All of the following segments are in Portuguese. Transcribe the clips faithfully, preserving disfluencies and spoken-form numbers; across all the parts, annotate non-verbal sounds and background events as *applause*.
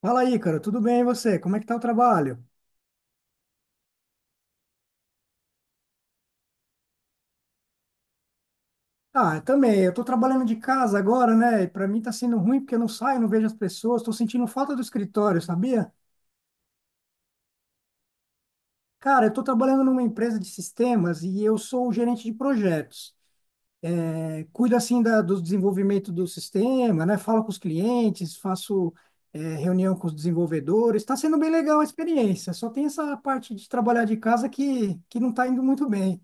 Fala aí, cara, tudo bem e você? Como é que tá o trabalho? Ah, eu também, eu tô trabalhando de casa agora, né? E pra mim tá sendo ruim porque eu não saio, não vejo as pessoas, tô sentindo falta do escritório, sabia? Cara, eu tô trabalhando numa empresa de sistemas e eu sou o gerente de projetos. É, cuido assim da, do desenvolvimento do sistema, né? Falo com os clientes, faço é, reunião com os desenvolvedores. Tá sendo bem legal a experiência, só tem essa parte de trabalhar de casa que, que não tá indo muito bem.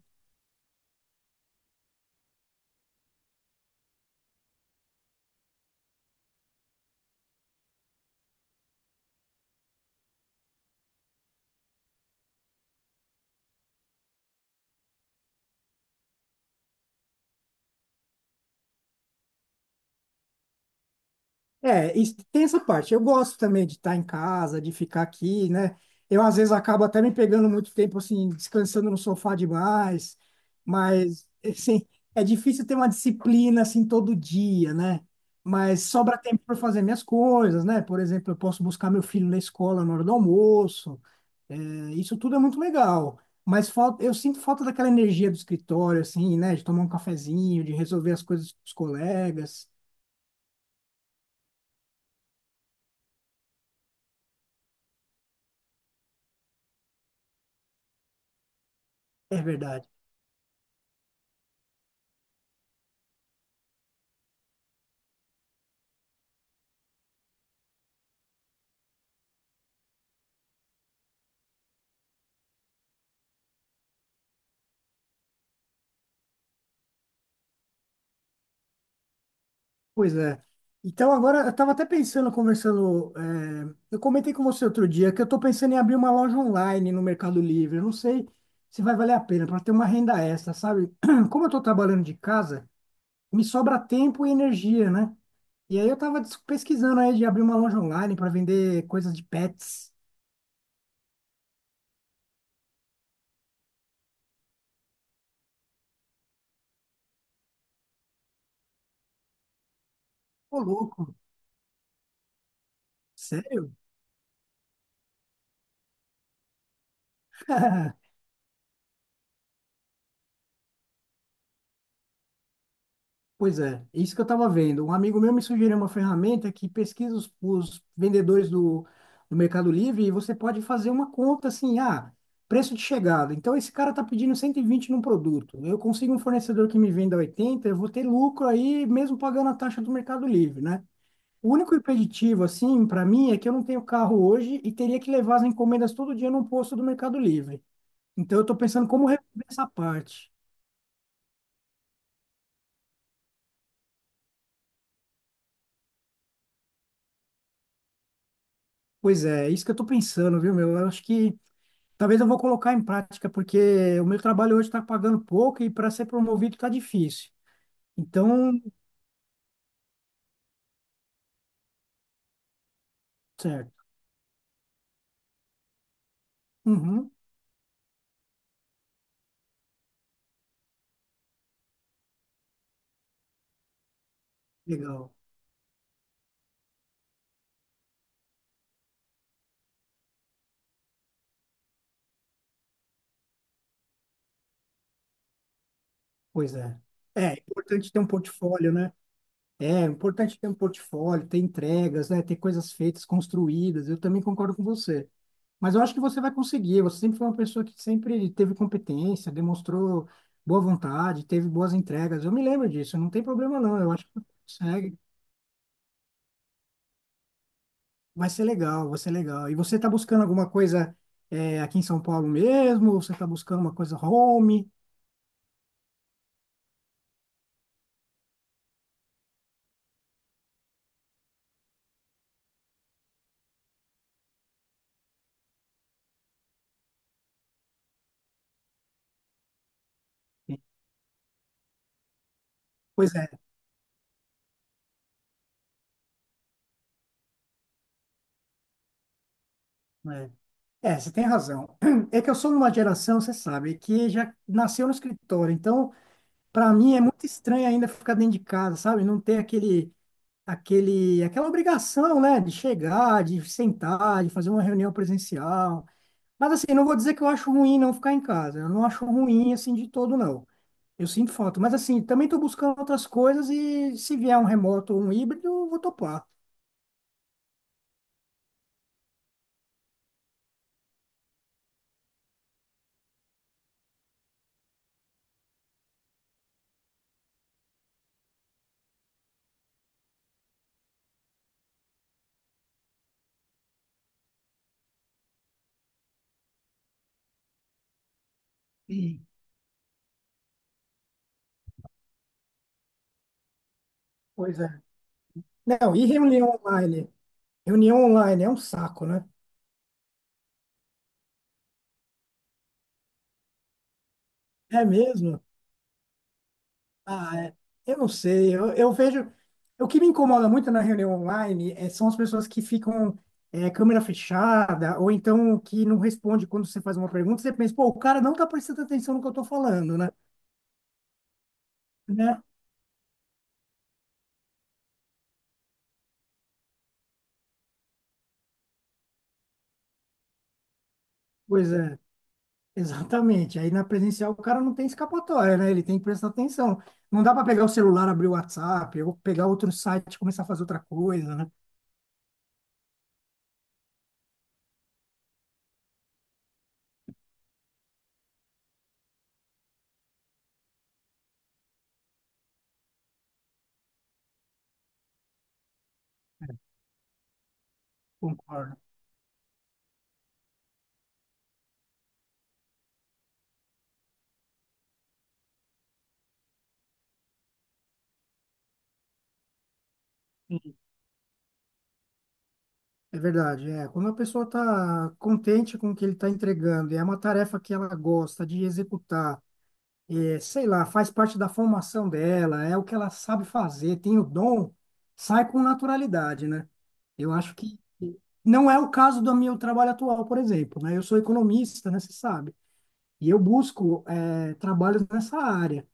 É, isso- tem essa parte. Eu gosto também de estar em casa, de ficar aqui, né? Eu, às vezes, acabo até me pegando muito tempo, assim, descansando no sofá demais, mas, assim, é difícil ter uma disciplina, assim, todo dia, né? Mas sobra tempo para fazer minhas coisas, né? Por exemplo, eu posso buscar meu filho na escola na hora do almoço. É, isso tudo é muito legal. Mas falta, eu sinto falta daquela energia do escritório, assim, né? De tomar um cafezinho, de resolver as coisas com os colegas. É verdade. Pois é. Então, agora, eu estava até pensando, conversando. eh, eu comentei com você outro dia que eu estou pensando em abrir uma loja online no Mercado Livre. Eu não sei se vai valer a pena para ter uma renda extra, sabe? *clears throat* Como eu estou trabalhando de casa, me sobra tempo e energia, né? E aí eu estava pesquisando aí de abrir uma loja online para vender coisas de pets. Ô, louco, sério? *laughs* Pois é, é isso que eu estava vendo. Um amigo meu me sugeriu uma ferramenta que pesquisa os, os vendedores do, do Mercado Livre e você pode fazer uma conta assim, ah, preço de chegada. Então esse cara está pedindo cento e vinte num produto. Eu consigo um fornecedor que me venda oitenta, eu vou ter lucro aí mesmo pagando a taxa do Mercado Livre, né? O único impeditivo assim para mim é que eu não tenho carro hoje e teria que levar as encomendas todo dia num posto do Mercado Livre. Então eu estou pensando como resolver essa parte. Pois é, é isso que eu estou pensando, viu, meu? Eu acho que talvez eu vou colocar em prática, porque o meu trabalho hoje está pagando pouco e para ser promovido está difícil. Então, certo. Uhum, legal. Pois é. É é importante ter um portfólio, né? É é importante ter um portfólio, ter entregas, né? Ter coisas feitas, construídas. Eu também concordo com você. Mas eu acho que você vai conseguir. Você sempre foi uma pessoa que sempre teve competência, demonstrou boa vontade, teve boas entregas. Eu me lembro disso. Não tem problema, não. Eu acho que você consegue. Vai ser legal, vai ser legal. E você está buscando alguma coisa é, aqui em São Paulo mesmo? Ou você está buscando uma coisa home? Pois é, né? É, você tem razão. *clears throat* É que eu sou de uma geração, você sabe, que já nasceu no escritório. Então, para mim é muito estranho ainda ficar dentro de casa, sabe? Não ter aquele, aquele, aquela obrigação, né, de chegar, de sentar, de fazer uma reunião presencial. Mas assim, não vou dizer que eu acho ruim não ficar em casa. Eu não acho ruim assim de todo, não. Eu sinto falta. Mas assim, também estou buscando outras coisas e se vier um remoto ou um híbrido, eu vou topar. Sim. Pois é. Não, e reunião online? Reunião online é um saco, né? É mesmo? Ah, é. Eu não sei. Eu, eu vejo. O que me incomoda muito na reunião online é, são as pessoas que ficam é, câmera fechada, ou então que não responde quando você faz uma pergunta. Você pensa, pô, o cara não tá prestando atenção no que eu tô falando, né? Né? Pois é. Exatamente. Aí na presencial o cara não tem escapatória, né? Ele tem que prestar atenção. Não dá para pegar o celular, abrir o WhatsApp, ou pegar outro site e começar a fazer outra coisa, né? É, concordo. É verdade, é. Quando a pessoa está contente com o que ele está entregando, e é uma tarefa que ela gosta de executar, é, sei lá, faz parte da formação dela, é o que ela sabe fazer, tem o dom, sai com naturalidade, né? Eu acho que não é o caso do meu trabalho atual, por exemplo, né? Eu sou economista, né? Você sabe. E eu busco, é, trabalhos nessa área.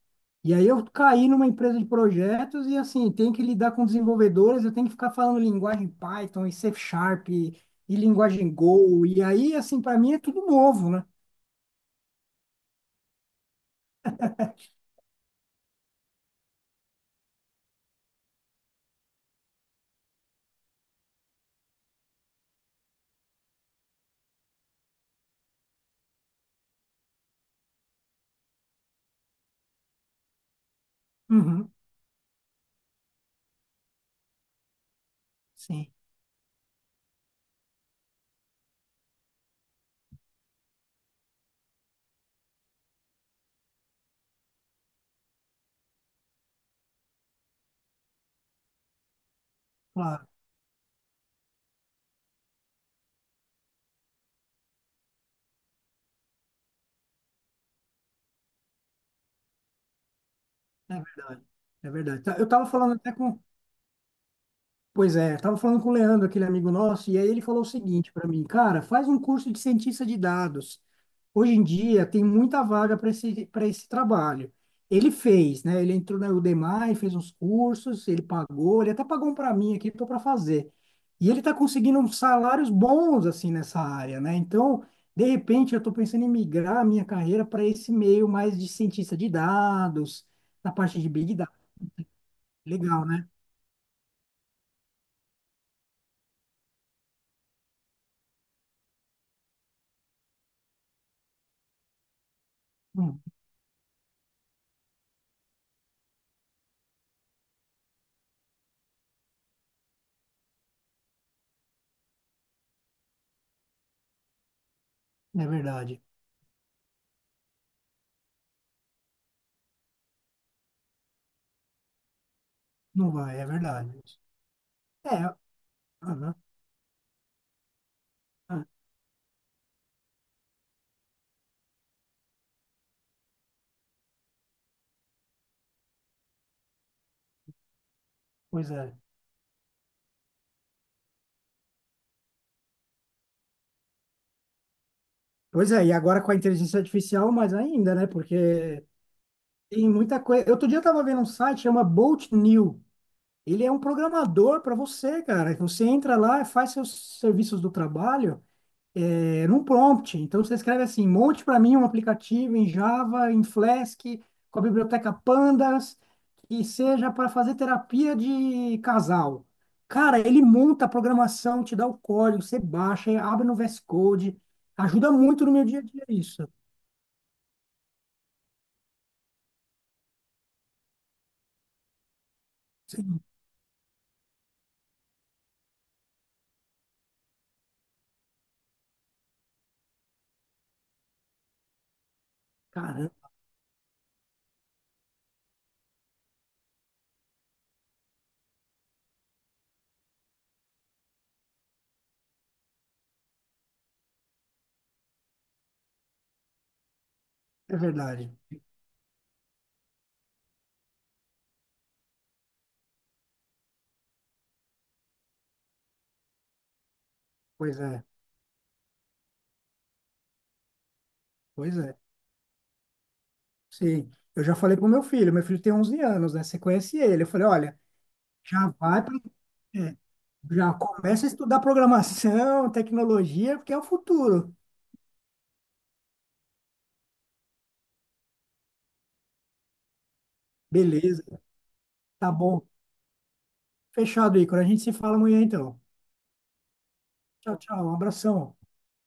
E aí eu caí numa empresa de projetos e assim, tem que lidar com desenvolvedores, eu tenho que ficar falando linguagem Python e C Sharp e, e linguagem Go. E aí, assim, para mim é tudo novo, né? Uhum, sim, claro, é verdade. É verdade. Tá, eu estava falando até com, pois é, tava falando com o Leandro, aquele amigo nosso, e aí ele falou o seguinte para mim, cara, faz um curso de cientista de dados. Hoje em dia tem muita vaga para esse, para esse trabalho. Ele fez, né? Ele entrou na Udemy, fez uns cursos, ele pagou, ele até pagou um para mim aqui, estou para fazer. E ele está conseguindo uns salários bons assim nessa área, né? Então, de repente, eu estou pensando em migrar a minha carreira para esse meio mais de cientista de dados, na parte de Big Data. Legal, né? Hum, é verdade. Não vai, é verdade. É, aham, ah, pois é. Pois é, e agora com a inteligência artificial, mais ainda, né? Porque tem muita coisa. Outro dia eu tava vendo um site, chama Bolt New. Ele é um programador para você, cara. Você entra lá, faz seus serviços do trabalho é, num prompt. Então você escreve assim, monte para mim um aplicativo em Java, em Flask, com a biblioteca Pandas, que seja para fazer terapia de casal. Cara, ele monta a programação, te dá o código, você baixa, abre no V S Code. Ajuda muito no meu dia a dia isso. Sim, caramba, é verdade. Pois é, pois é. Sim, eu já falei pro meu filho, meu filho tem onze anos, né? Você conhece ele. Eu falei, olha, já vai para já começa a estudar programação, tecnologia, porque é o futuro. Beleza, tá bom. Fechado, aí. Quando a gente se fala amanhã, então. Tchau, tchau. Um abração.